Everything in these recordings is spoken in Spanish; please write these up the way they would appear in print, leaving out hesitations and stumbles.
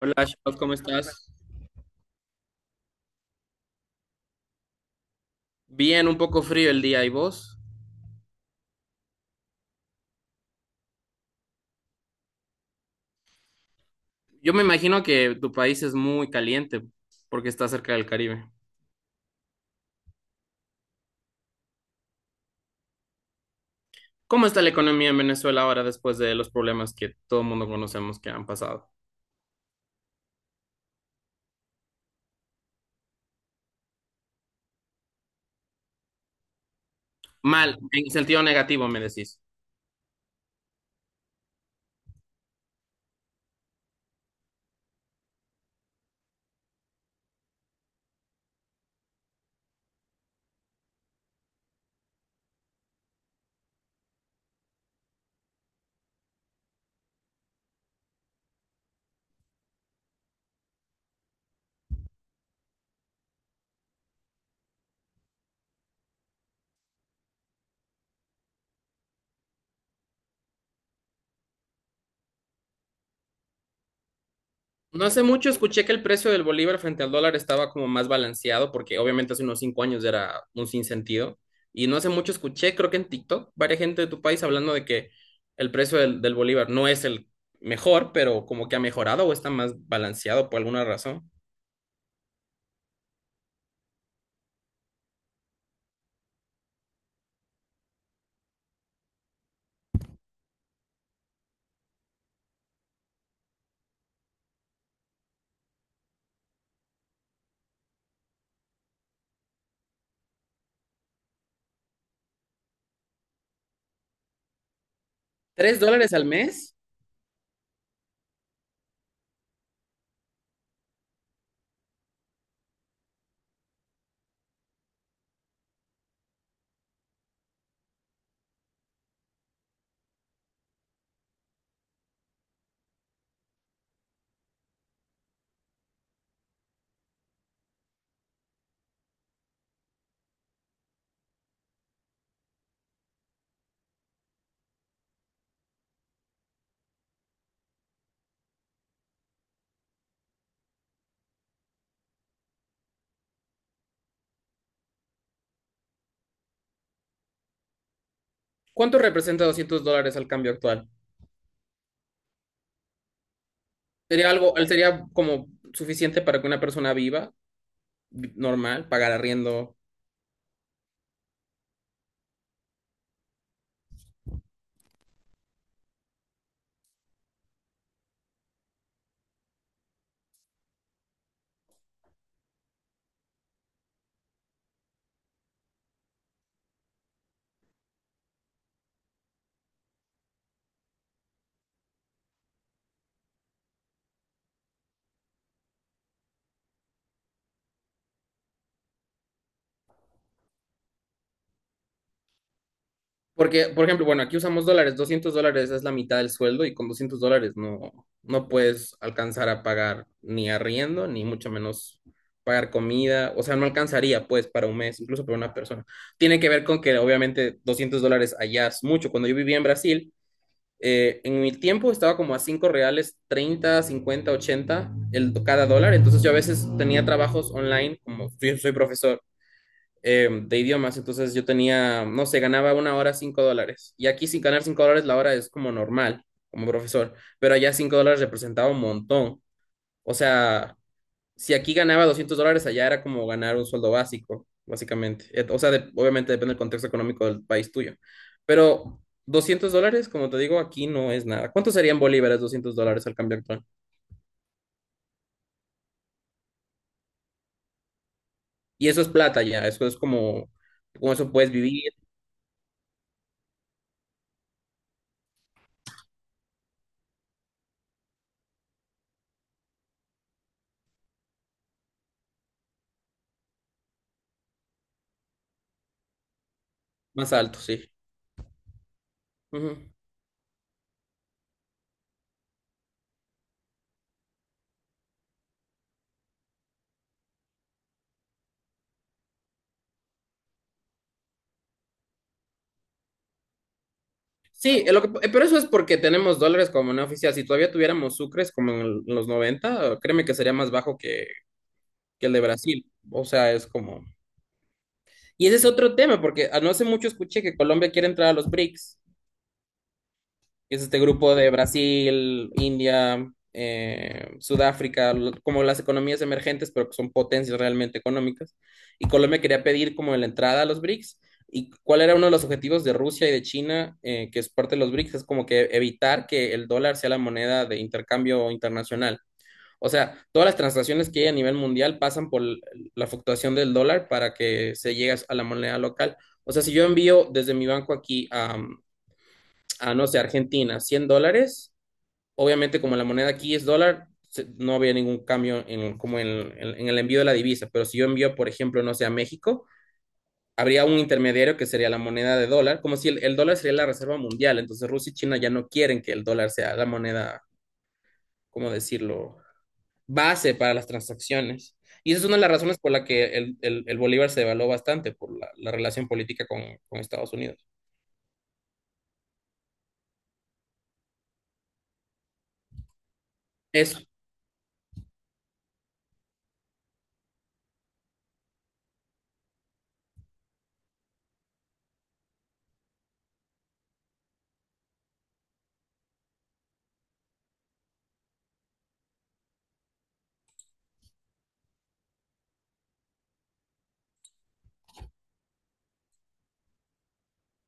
Hola, Shaus, ¿cómo estás? Bien, un poco frío el día, ¿y vos? Yo me imagino que tu país es muy caliente porque está cerca del Caribe. ¿Cómo está la economía en Venezuela ahora después de los problemas que todo el mundo conocemos que han pasado? Mal, en sentido negativo, me decís. No hace mucho escuché que el precio del bolívar frente al dólar estaba como más balanceado, porque obviamente hace unos 5 años era un sinsentido. Y no hace mucho escuché, creo que en TikTok, varias gente de tu país hablando de que el precio del bolívar no es el mejor, pero como que ha mejorado o está más balanceado por alguna razón. ¿$3 al mes? ¿Cuánto representa $200 al cambio actual? Sería algo, sería como suficiente para que una persona viva, normal, pagar arriendo. Porque, por ejemplo, bueno, aquí usamos dólares. $200 es la mitad del sueldo y con $200 no, no puedes alcanzar a pagar ni arriendo, ni mucho menos pagar comida. O sea, no alcanzaría pues para un mes, incluso para una persona. Tiene que ver con que obviamente $200 allá es mucho. Cuando yo vivía en Brasil, en mi tiempo estaba como a 5 reales, 30, 50, 80 cada dólar. Entonces yo a veces tenía trabajos online, como yo soy profesor de idiomas. Entonces yo tenía, no sé, ganaba una hora $5. Y aquí sin ganar $5 la hora es como normal, como profesor. Pero allá $5 representaba un montón. O sea, si aquí ganaba $200, allá era como ganar un sueldo básico, básicamente. O sea, obviamente depende del contexto económico del país tuyo. Pero $200, como te digo, aquí no es nada. ¿Cuánto serían bolívares $200 al cambio actual? Y eso es plata ya, eso es como, con eso puedes vivir más alto, sí. Ujú. Sí, pero eso es porque tenemos dólares como moneda oficial. Si todavía tuviéramos sucres como en los 90, créeme que sería más bajo que el de Brasil. O sea, es como. Y ese es otro tema, porque ah, no hace mucho escuché que Colombia quiere entrar a los BRICS. Es este grupo de Brasil, India, Sudáfrica, como las economías emergentes, pero que son potencias realmente económicas. Y Colombia quería pedir como la entrada a los BRICS. ¿Y cuál era uno de los objetivos de Rusia y de China, que es parte de los BRICS? Es como que evitar que el dólar sea la moneda de intercambio internacional. O sea, todas las transacciones que hay a nivel mundial pasan por la fluctuación del dólar para que se llegue a la moneda local. O sea, si yo envío desde mi banco aquí a, no sé, Argentina, $100, obviamente como la moneda aquí es dólar, no había ningún cambio en, como en, en el envío de la divisa. Pero si yo envío, por ejemplo, no sé, a México, habría un intermediario que sería la moneda de dólar, como si el dólar sería la reserva mundial. Entonces Rusia y China ya no quieren que el dólar sea la moneda, ¿cómo decirlo?, base para las transacciones. Y esa es una de las razones por la que el bolívar se devaluó bastante, por la relación política con Estados Unidos. Eso,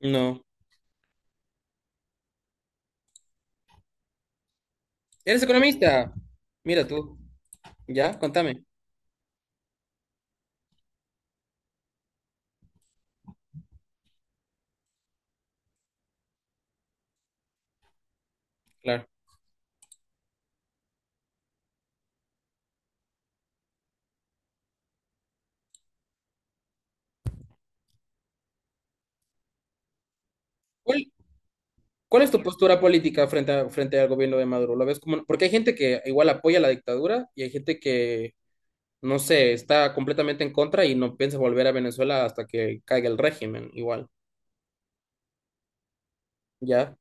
no. ¿Eres economista? Mira tú. Ya, contame. Claro. ¿Cuál, cuál es tu postura política frente al gobierno de Maduro? ¿Lo ves como, porque hay gente que igual apoya la dictadura y hay gente que, no sé, está completamente en contra y no piensa volver a Venezuela hasta que caiga el régimen, igual, ya,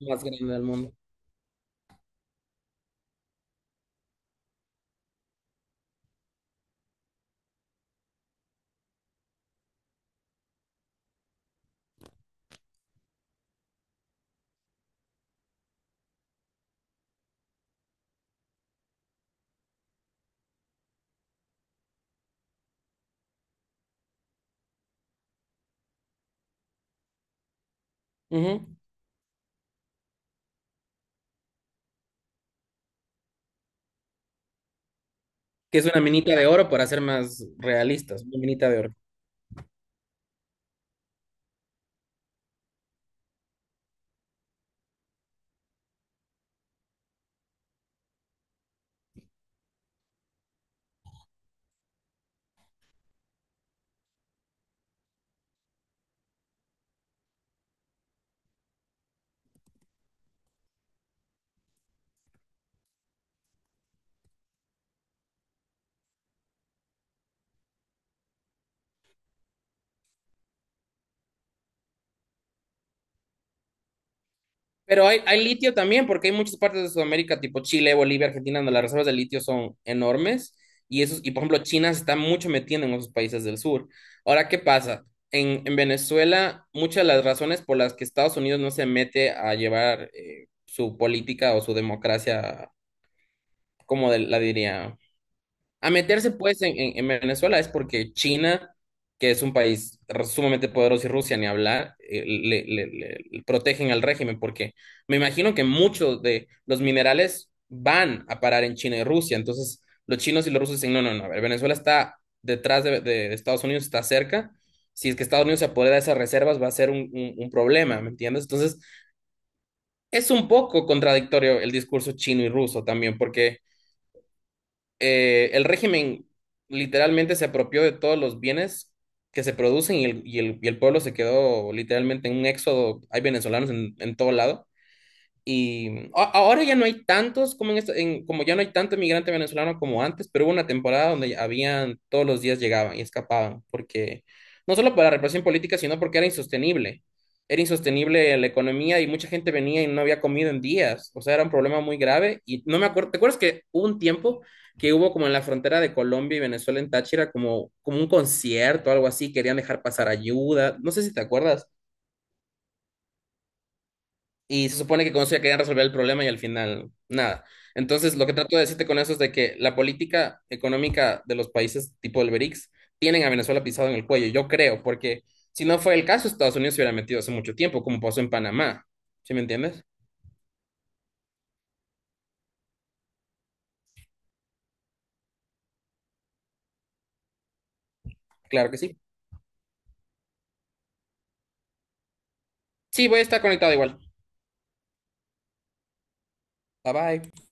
más grande del mundo. Ujú. Que es una minita de oro para ser más realistas, una minita de oro. Pero hay litio también, porque hay muchas partes de Sudamérica, tipo Chile, Bolivia, Argentina, donde las reservas de litio son enormes. Y, esos, y por ejemplo, China se está mucho metiendo en esos países del sur. Ahora, ¿qué pasa? En Venezuela, muchas de las razones por las que Estados Unidos no se mete a llevar su política o su democracia, como la diría, a meterse pues en Venezuela es porque China, que es un país sumamente poderoso y Rusia, ni hablar, le protegen al régimen, porque me imagino que muchos de los minerales van a parar en China y Rusia. Entonces los chinos y los rusos dicen, no, no, no, a ver, Venezuela está detrás de Estados Unidos, está cerca. Si es que Estados Unidos se apodera de esas reservas va a ser un problema, ¿me entiendes? Entonces es un poco contradictorio el discurso chino y ruso también, porque el régimen literalmente se apropió de todos los bienes que se producen y el pueblo se quedó literalmente en un éxodo. Hay venezolanos en todo lado. Y ahora ya no hay tantos como en esto- en- como ya no hay tanto inmigrante venezolano como antes. Pero hubo una temporada donde habían, todos los días llegaban y escapaban, porque no solo por la represión política, sino porque era insostenible. Era insostenible la economía y mucha gente venía y no había comido en días. O sea, era un problema muy grave. Y no me acuerdo, ¿te acuerdas que hubo un tiempo que hubo como en la frontera de Colombia y Venezuela en Táchira, como un concierto, algo así, querían dejar pasar ayuda? No sé si te acuerdas. Y se supone que con eso ya querían resolver el problema y al final nada. Entonces, lo que trato de decirte con eso es de que la política económica de los países tipo el BRICS tienen a Venezuela pisado en el cuello, yo creo, porque si no fue el caso, Estados Unidos se hubiera metido hace mucho tiempo, como pasó en Panamá. ¿Sí me entiendes? Claro que sí. Sí, voy a estar conectado igual. Bye bye.